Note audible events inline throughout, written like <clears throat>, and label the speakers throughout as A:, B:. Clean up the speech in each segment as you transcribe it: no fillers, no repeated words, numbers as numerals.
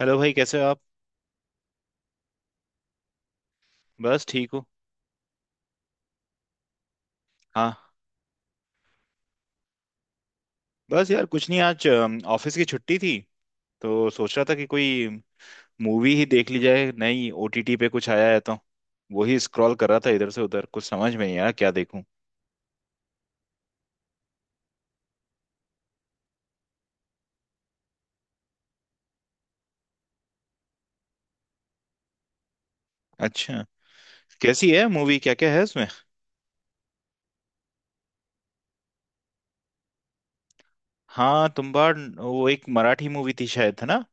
A: Hello भाई कैसे हो आप। बस ठीक हूँ। हाँ। बस यार कुछ नहीं, आज ऑफिस की छुट्टी थी, तो सोच रहा था कि कोई मूवी ही देख ली जाए। नई ओटीटी पे कुछ आया है तो वही स्क्रॉल कर रहा था इधर से उधर, कुछ समझ में नहीं आया क्या देखूं। अच्छा, कैसी है मूवी, क्या क्या है उसमें। हाँ तुम्बाड़, वो एक मराठी मूवी थी शायद है ना।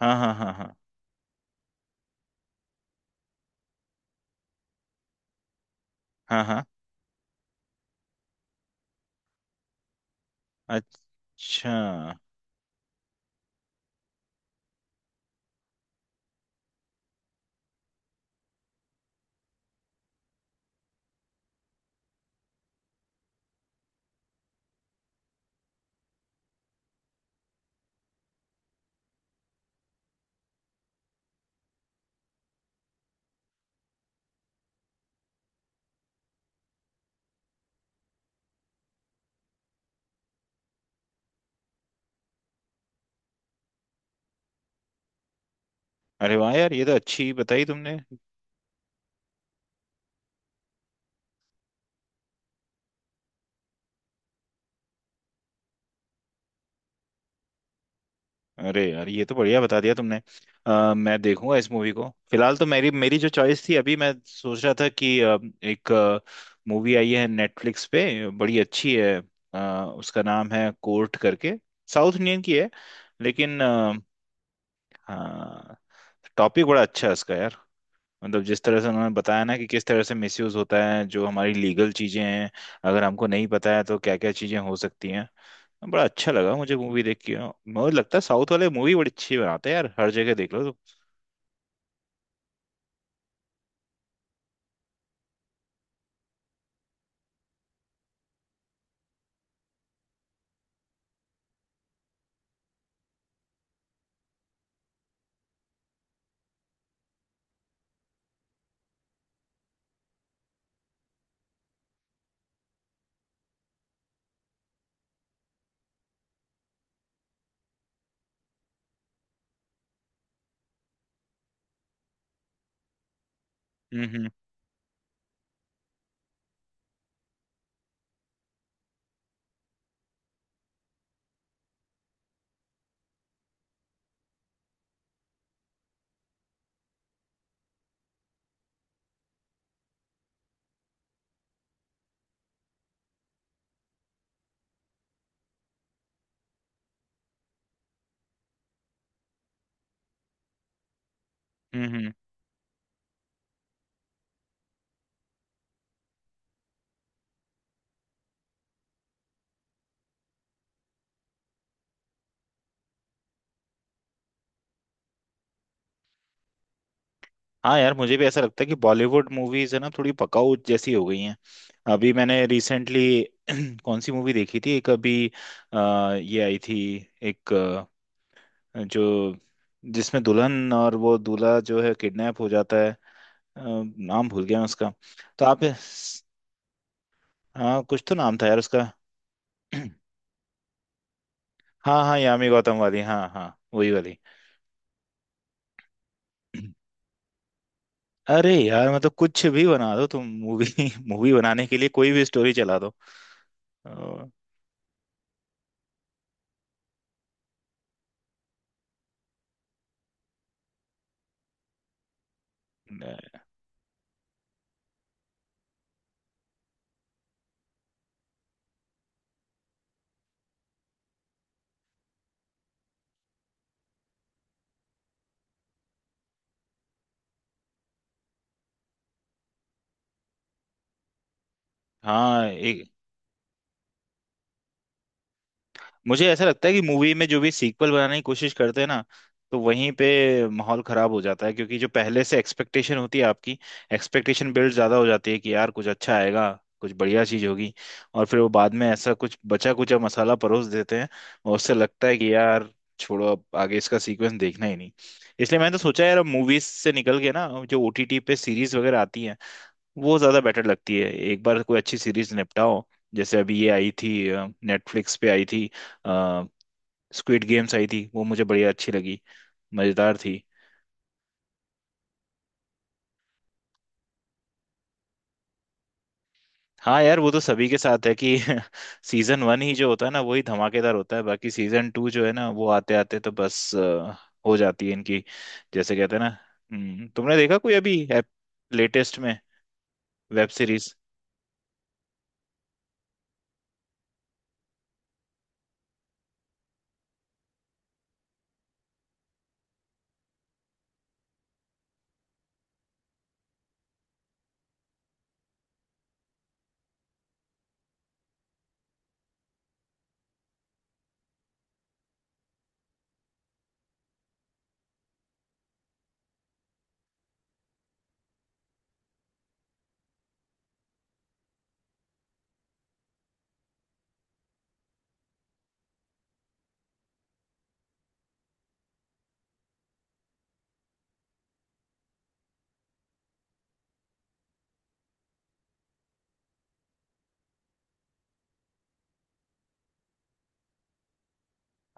A: हाँ हाँ हाँ हाँ हाँ हाँ। अच्छा। अरे वाह यार, ये तो अच्छी बताई तुमने। अरे यार ये तो बढ़िया बता दिया तुमने। मैं देखूंगा इस मूवी को। फिलहाल तो मेरी मेरी जो चॉइस थी, अभी मैं सोच रहा था कि एक मूवी आई है नेटफ्लिक्स पे, बड़ी अच्छी है। अ, उसका नाम है कोर्ट करके। साउथ इंडियन की है लेकिन। हाँ, टॉपिक बड़ा अच्छा है इसका यार। मतलब जिस तरह से उन्होंने बताया ना कि किस तरह से मिसयूज होता है जो हमारी लीगल चीजें हैं, अगर हमको नहीं पता है तो क्या क्या चीजें हो सकती हैं। बड़ा अच्छा लगा मुझे मूवी देख के। मुझे लगता है साउथ वाले मूवी बड़ी अच्छी बनाते हैं यार, हर जगह देख लो तो। हम्म हम्म हम्म हम्म। हाँ यार मुझे भी ऐसा लगता है कि बॉलीवुड मूवीज है ना, थोड़ी पकाऊ जैसी हो गई हैं। अभी मैंने रिसेंटली <clears throat> कौन सी मूवी देखी थी एक अभी। अ, ये आई थी एक, अ, जो जिसमें दुल्हन और वो दूल्हा जो है, किडनैप हो जाता है। अ, नाम भूल गया मैं उसका, तो आप। हाँ कुछ तो नाम था यार उसका। <clears throat> हाँ हाँ, यामी गौतम वाली, हाँ हाँ, वही वाली। <clears throat> अरे यार मतलब कुछ भी बना दो तुम मूवी। मूवी <laughs> बनाने के लिए कोई भी स्टोरी चला दो। अ, हाँ, मुझे ऐसा लगता है कि मूवी में जो भी सीक्वल बनाने की कोशिश करते हैं ना, तो वहीं पे माहौल खराब हो जाता है। क्योंकि जो पहले से एक्सपेक्टेशन होती है आपकी, एक्सपेक्टेशन बिल्ड ज्यादा हो जाती है कि यार कुछ अच्छा आएगा, कुछ बढ़िया चीज होगी। और फिर वो बाद में ऐसा कुछ बचा कुचा मसाला परोस देते हैं, और उससे लगता है कि यार छोड़ो, अब आगे इसका सीक्वेंस देखना ही नहीं। इसलिए मैंने तो सोचा यार, अब मूवीज से निकल के ना जो ओटीटी पे सीरीज वगैरह आती हैं, वो ज्यादा बेटर लगती है। एक बार कोई अच्छी सीरीज निपटाओ। जैसे अभी ये आई थी, नेटफ्लिक्स पे आई थी, स्क्विड गेम्स आई थी, वो मुझे बढ़िया अच्छी लगी, मजेदार थी। हाँ यार वो तो सभी के साथ है कि <laughs> सीजन वन ही जो होता है ना वही धमाकेदार होता है, बाकी सीजन टू जो है ना वो आते आते तो बस हो जाती है इनकी, जैसे कहते हैं ना। तुमने देखा कोई अभी लेटेस्ट में वेब सीरीज।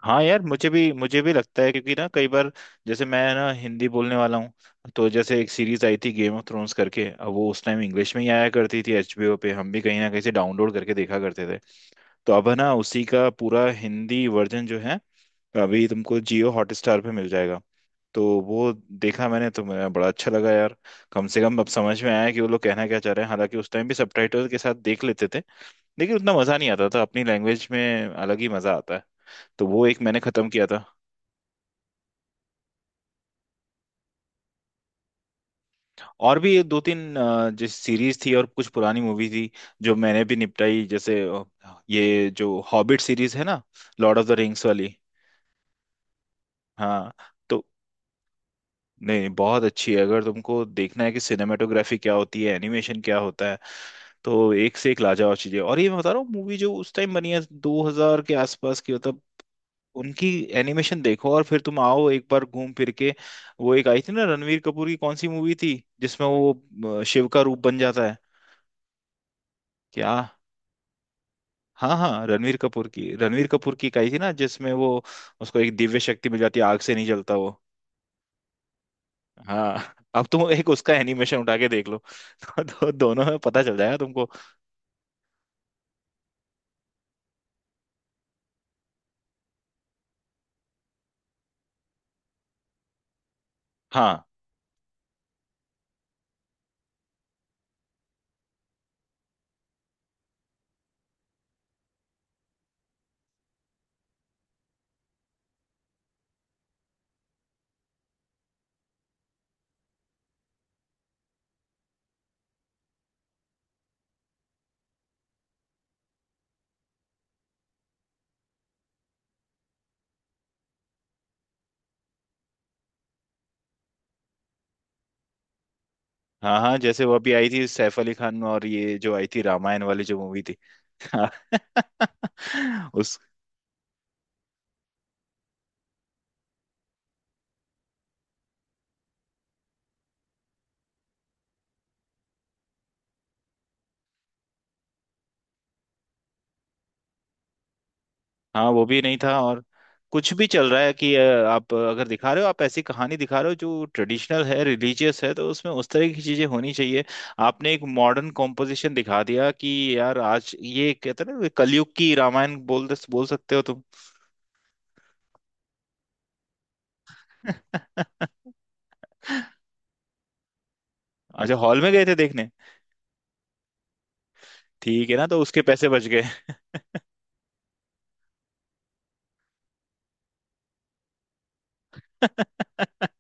A: हाँ यार मुझे भी लगता है, क्योंकि ना कई बार जैसे मैं ना हिंदी बोलने वाला हूँ, तो जैसे एक सीरीज आई थी गेम ऑफ थ्रोन्स करके, अब वो उस टाइम इंग्लिश में ही आया करती थी एचबीओ पे, हम भी कहीं ना कहीं से डाउनलोड करके देखा करते थे। तो अब है ना उसी का पूरा हिंदी वर्जन जो है, अभी तुमको जियो हॉटस्टार पे मिल जाएगा। तो वो देखा मैंने तो, मेरा बड़ा अच्छा लगा यार। कम से कम अब समझ में आया कि वो लोग कहना क्या चाह रहे हैं। हालांकि उस टाइम भी सबटाइटल के साथ देख लेते थे, लेकिन उतना मजा नहीं आता था, अपनी लैंग्वेज में अलग ही मजा आता है। तो वो एक मैंने खत्म किया था। और भी दो तीन जिस सीरीज थी और कुछ पुरानी मूवी थी जो मैंने भी निपटाई, जैसे ये जो हॉबिट सीरीज है ना, लॉर्ड ऑफ द रिंग्स वाली। हाँ तो नहीं नहीं, बहुत अच्छी है। अगर तुमको देखना है कि सिनेमेटोग्राफी क्या होती है, एनिमेशन क्या होता है, तो एक से एक लाजवाब चीजें। और ये मैं बता रहा हूँ मूवी जो उस टाइम बनी है 2000 के आसपास की, मतलब उनकी एनिमेशन देखो, और फिर तुम आओ एक बार घूम फिर के। वो एक आई थी ना रणवीर कपूर की, कौन सी मूवी थी जिसमें वो शिव का रूप बन जाता है, क्या। हाँ हाँ रणवीर कपूर की, रणवीर कपूर की एक आई थी ना जिसमें वो, उसको एक दिव्य शक्ति मिल जाती है, आग से नहीं जलता वो। हाँ <laughs> अब तुम एक उसका एनिमेशन उठा के देख लो <laughs> तो दोनों में पता चल जाएगा तुमको। हाँ हाँ हाँ, जैसे वो अभी आई थी सैफ अली खान, और ये जो आई थी रामायण वाली जो मूवी थी। <laughs> हाँ। हाँ वो भी नहीं था, और कुछ भी चल रहा है कि आप अगर दिखा रहे हो, आप ऐसी कहानी दिखा रहे हो जो ट्रेडिशनल है, रिलीजियस है, तो उसमें उस तरह की चीजें होनी चाहिए। आपने एक मॉडर्न कॉम्पोजिशन दिखा दिया कि यार, आज ये कहते हैं ना, कलयुग की रामायण बोल बोल सकते हो तुम। <laughs> अच्छा, हॉल में गए थे देखने। ठीक है ना, तो उसके पैसे बच गए।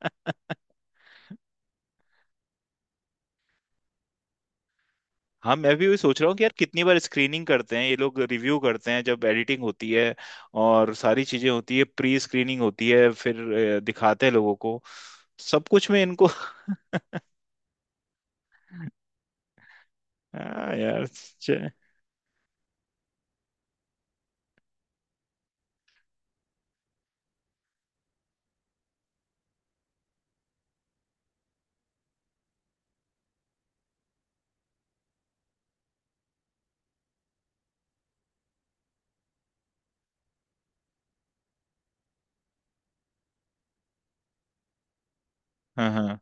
A: <laughs> हाँ मैं भी वही सोच रहा हूँ कि यार, कितनी बार स्क्रीनिंग करते हैं ये लोग, रिव्यू करते हैं जब एडिटिंग होती है, और सारी चीजें होती है, प्री स्क्रीनिंग होती है, फिर दिखाते हैं लोगों को सब कुछ में इनको। <laughs> हाँ यार। चे- हाँ हाँ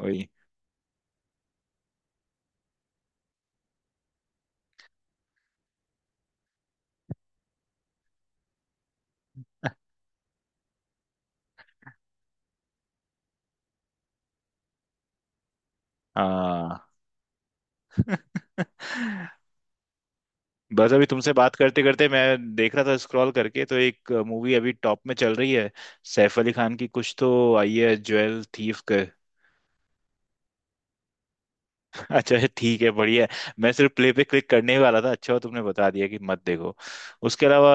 A: वही, हाँ। <laughs> बस अभी तुमसे बात करते करते मैं देख रहा था, स्क्रॉल करके तो एक मूवी अभी टॉप में चल रही है, सैफ अली खान की कुछ तो आई है, ज्वेल थीफ। अच्छा ठीक है, बढ़िया है। मैं सिर्फ प्ले पे क्लिक करने ही वाला था, अच्छा हुआ तुमने बता दिया कि मत देखो। उसके अलावा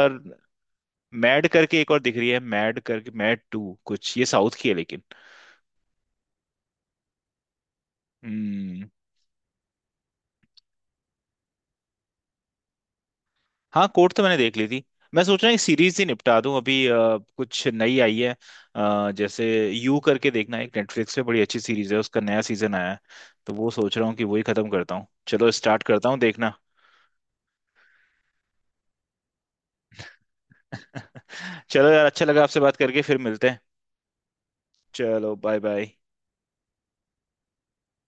A: मैड करके एक और दिख रही है, मैड करके, मैड टू कुछ, ये साउथ की है लेकिन। हम्म। हाँ, कोर्ट तो मैंने देख ली थी। मैं सोच रहा हूँ एक सीरीज ही निपटा दूं अभी, कुछ नई आई है, जैसे यू करके देखना एक, नेटफ्लिक्स पे बड़ी अच्छी सीरीज है, उसका नया सीजन आया है। तो वो सोच रहा हूँ कि वही खत्म करता हूँ, चलो स्टार्ट करता हूँ देखना। <laughs> चलो यार, अच्छा लगा आपसे बात करके, फिर मिलते हैं। चलो बाय बाय।